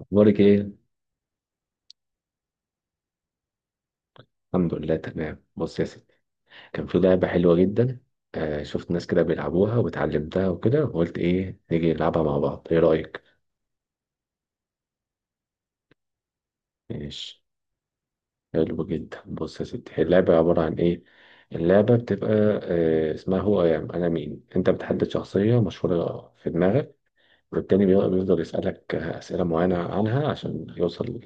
اخبارك ايه؟ الحمد لله تمام. بص يا سيدي، كان في لعبه حلوه جدا. شفت ناس كده بيلعبوها واتعلمتها وكده، وقلت ايه نيجي نلعبها مع بعض، ايه رايك؟ ماشي. حلو جدا. بص يا سيدي، هي اللعبه عباره عن ايه؟ اللعبه بتبقى اسمها هو أيام انا مين. انت بتحدد شخصيه مشهوره في دماغك، والتاني بيفضل يسألك أسئلة معينة عنها عشان يوصل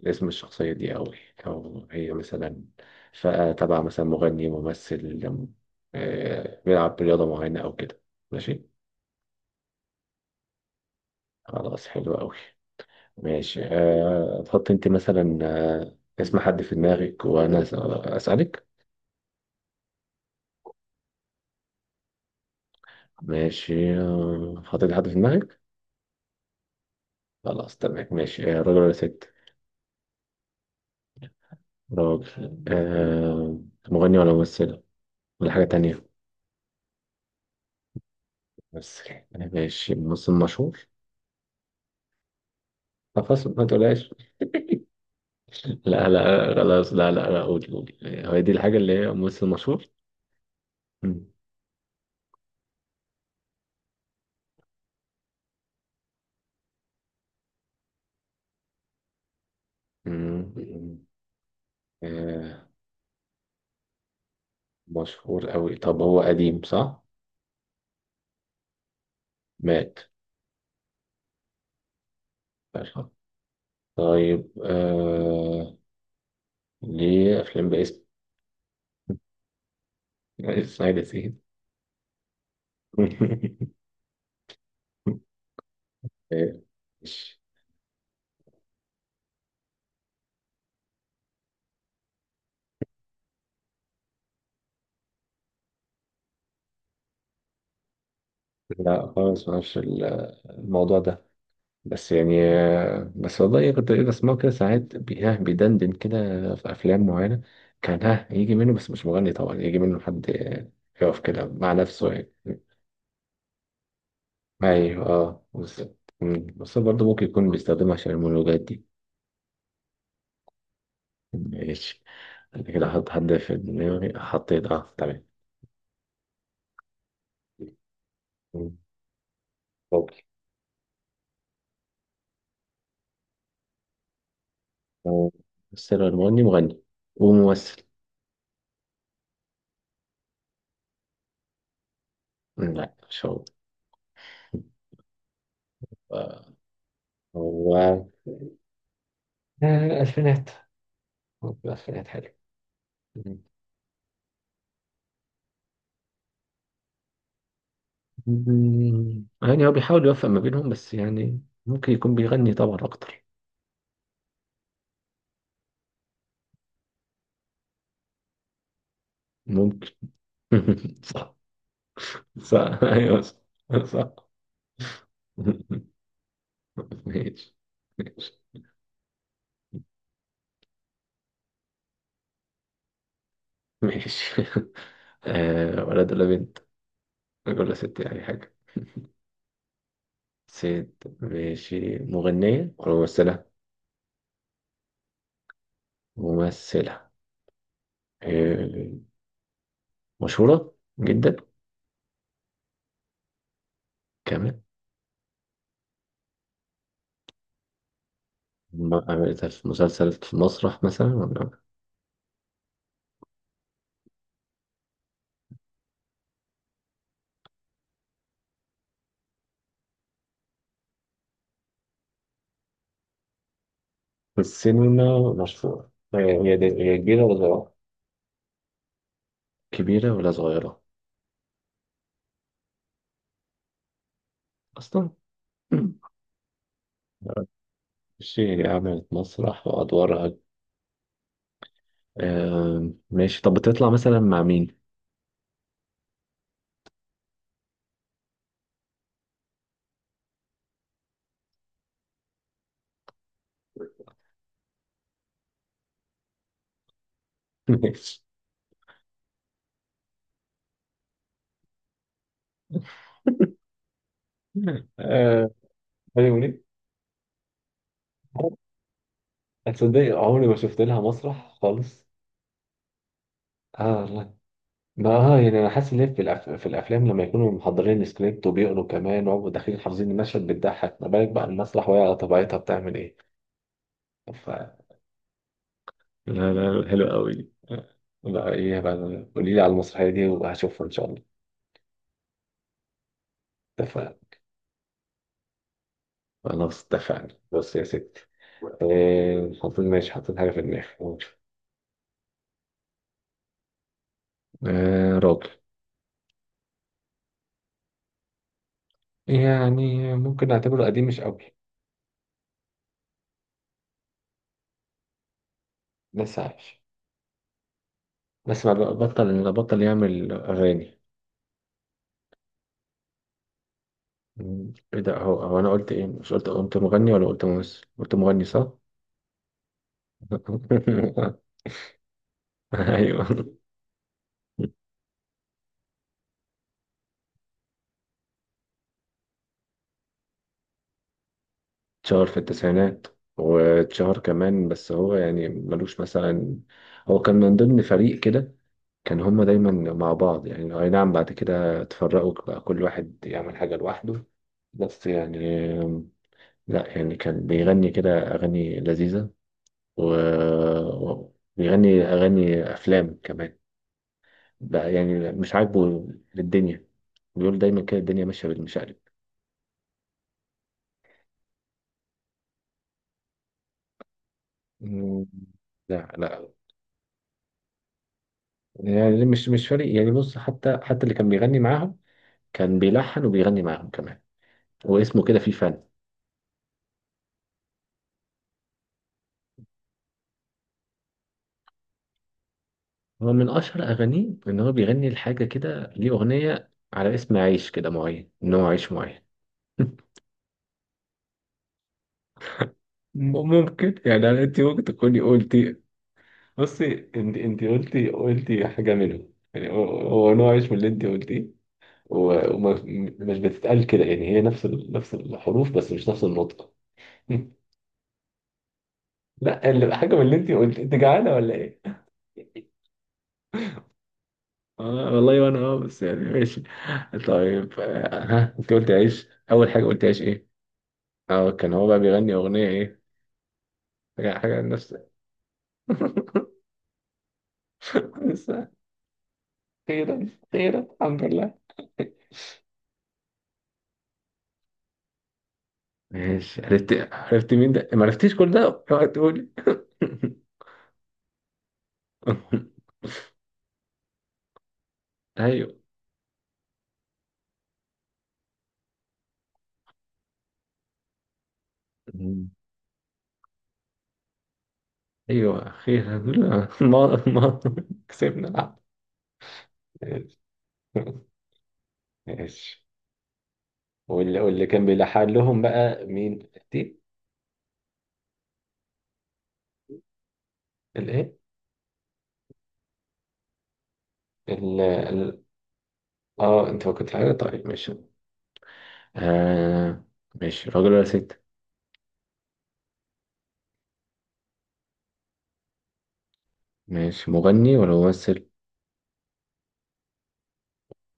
لاسم الشخصية دي، أو هي مثلا فئة تبع مثلا مغني، ممثل، بيلعب رياضة معينة أو كده. ماشي. خلاص حلو أوي. ماشي، أه تحط أنت مثلا اسم حد في دماغك، وأنا أسألك. ماشي، حطيت حد في دماغك. خلاص تمام. ماشي، راجل ولا ست؟ راجل. أه. مغني ولا ممثل ولا حاجة تانية؟ بس يعني ماشي، الممثل مشهور؟ طب خلاص، ما تقولهاش. لا لا خلاص، لا لا لا، قولي قولي، هو دي الحاجة اللي هي ممثل مشهور. مم. مم. آه، مشهور قوي. طب هو قديم صح؟ مات؟ طيب آه، ليه أفلام باسم إسماعيل ياسين. آه، مش- لا خالص، ما أعرفش الموضوع ده، بس يعني بس والله إيه، كنت ايه بسمعه كده ساعات ها بيدندن كده في افلام معينه. كان ها يجي منه، بس مش مغني طبعا، يجي منه حد يقف كده مع نفسه يعني. ايوه اه بالظبط. مم. بس برضه ممكن يكون بيستخدمها عشان المونولوجات دي. ماشي. انا كده حط حد في دماغي، حطيت اه تمام. مم. اوكي. آه، بس أنا المغني مغني وممثل. مم، لا مش هو. آه، هو الفينات، هو في الألفينات. حلو. مم، يعني هو بيحاول يوفق ما بينهم، بس يعني ممكن يكون بيغني طبعا أكتر. ممكن. صح. صح أيوه، صح صح. ماشي. ماشي. ماشي. آه، ولد ولا بنت، ولا ست يعني حاجة؟ ست؟ ماشي، مغنية ولا ممثلة؟ ممثلة. آه. مشهورة جدا. كمان ما عملتها في مسلسل، في مسرح مثلا ولا في السينما؟ مشهورة هي. هي كبيرة ولا صغيرة؟ كبيرة ولا صغيرة؟ أصلا. ماشي، عملت مسرح وأدوارها. آه ماشي، طب بتطلع مثلا مع مين؟ ماشي. آه، هاني منيب. هتصدقي عمري ما شفت لها مسرح خالص. اه والله. ما اه يعني انا حاسس ان هي في في الافلام، لما يكونوا محضرين السكريبت وبيقروا كمان ويبقوا داخلين حافظين المشهد بتضحك، ما بالك بقى المسرح وهي على طبيعتها بتعمل ايه. ف... لا لا حلو قوي. لا ايه بقى، قولي لي على المسرحيه دي وهشوفها ان شاء الله. اتفقنا. خلاص اتفقنا. بص يا ستي، حطيت، ماشي، حطيت حاجة في دماغي، قول. راجل. يعني ممكن نعتبره قديم مش قوي. لسه عايش، بس ما بقى- بطل يعمل أغاني. مم، ايه ده. هو انا قلت ايه، مش قلت، قلت مغني ولا قلت ممثل؟ قلت مغني صح. ايوه. اتشهر في التسعينات. واتشهر كمان، بس هو يعني ملوش مثلا، هو كان من ضمن فريق كده، كان هما دايما مع بعض. يعني أي نعم، بعد كده اتفرقوا بقى كل واحد يعمل حاجة لوحده. بس يعني، لا يعني كان بيغني كده أغاني لذيذة، و... بيغني أغاني أفلام كمان. بقى يعني مش عاجبه للدنيا، بيقول دايما كده الدنيا ماشية بالمشقلب. مم. لا لا. يعني مش فارق يعني، بص، حتى اللي كان بيغني معاهم، كان بيلحن وبيغني معاهم كمان، واسمه كده فيه فن. هو من اشهر اغانيه ان هو بيغني لحاجه كده، ليه اغنيه على اسم عيش كده معين، ان هو عيش معين. ممكن يعني، انت ممكن تكوني قلتي. بصي، انت قلتي حاجه منهم يعني، هو نوع عيش من اللي انت قلتيه، وما مش بتتقال كده يعني، هي نفس نفس الحروف بس مش نفس النطق. لا، اللي حاجه من اللي انت قلت، انت جعانه ولا ايه؟ اه والله. وانا اه بس يعني ماشي. طيب ها انت قلت عيش اول حاجه، قلت عيش ايه؟ اه كان هو بقى بيغني اغنيه ايه، حاجه الناس. لسه. خيرا خيرا. الحمد لله. ماشي عرفت. عرفت مين ده، ما عرفتيش كل ده، اوعى تقولي. ايوه. ايوه اخيرا. ما كسبنا. العب. ماشي. ماشي. واللي كان بيلحق لهم بقى مين دي؟ الايه؟ ال ال- اه انت فكرت في حاجه، طيب ماشي. آه ماشي، راجل ولا ست؟ ماشي، مغني ولا ممثل؟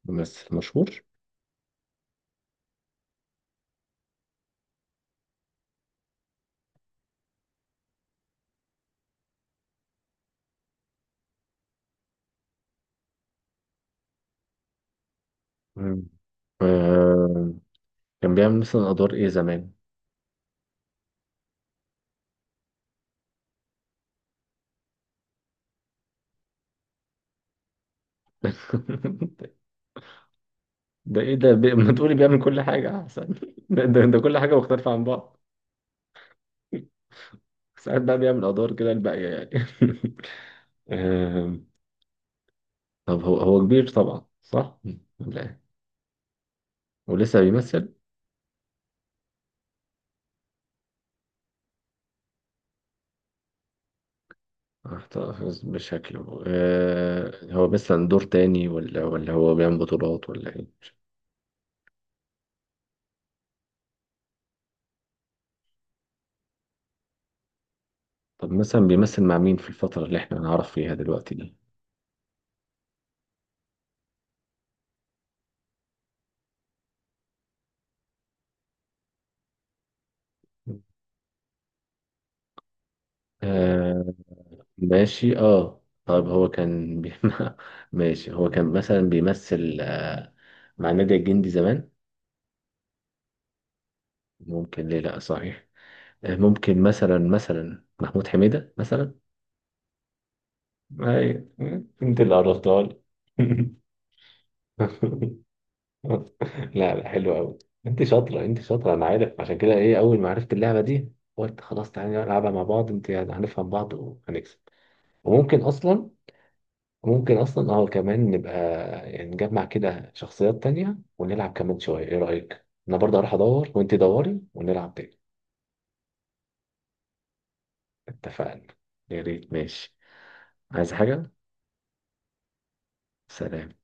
ممثل مشهور. مم. آه، كان بيعمل مثلا ادوار ايه زمان؟ ده ايه ده ما تقولي بيعمل كل حاجه احسن. ده كل حاجه مختلفه عن بعض. ساعات بقى بيعمل ادوار كده الباقيه يعني. آه، طب هو كبير طبعا صح؟ ولا إيه؟ ولسه بيمثل. احتفظ بشكله. هو مثلا دور تاني، ولا هو بيعمل بطولات ولا ايه؟ طب مثلا بيمثل مع مين في الفتره اللي احنا نعرف فيها دلوقتي دي؟ آه، ماشي اه. طب هو كان ماشي. هو كان مثلا بيمثل مع النادي الجندي زمان. ممكن، ليه لا، صحيح. ممكن مثلا، محمود حميدة مثلا. هاي. انت اللي عرفتها لي. لا لا حلو قوي. انت شاطرة انت شاطرة. انا عارف، عشان كده ايه اول ما عرفت اللعبة دي قلت خلاص تعالى نلعبها مع بعض انت، يعني هنفهم بعض وهنكسب. وممكن اصلا، ممكن اصلا اه كمان نبقى يعني نجمع كده شخصيات تانية ونلعب كمان شوية، ايه رأيك؟ انا برضه هروح ادور وانت دوري ونلعب تاني. اتفقنا. يا ريت ماشي. عايز حاجة؟ سلام.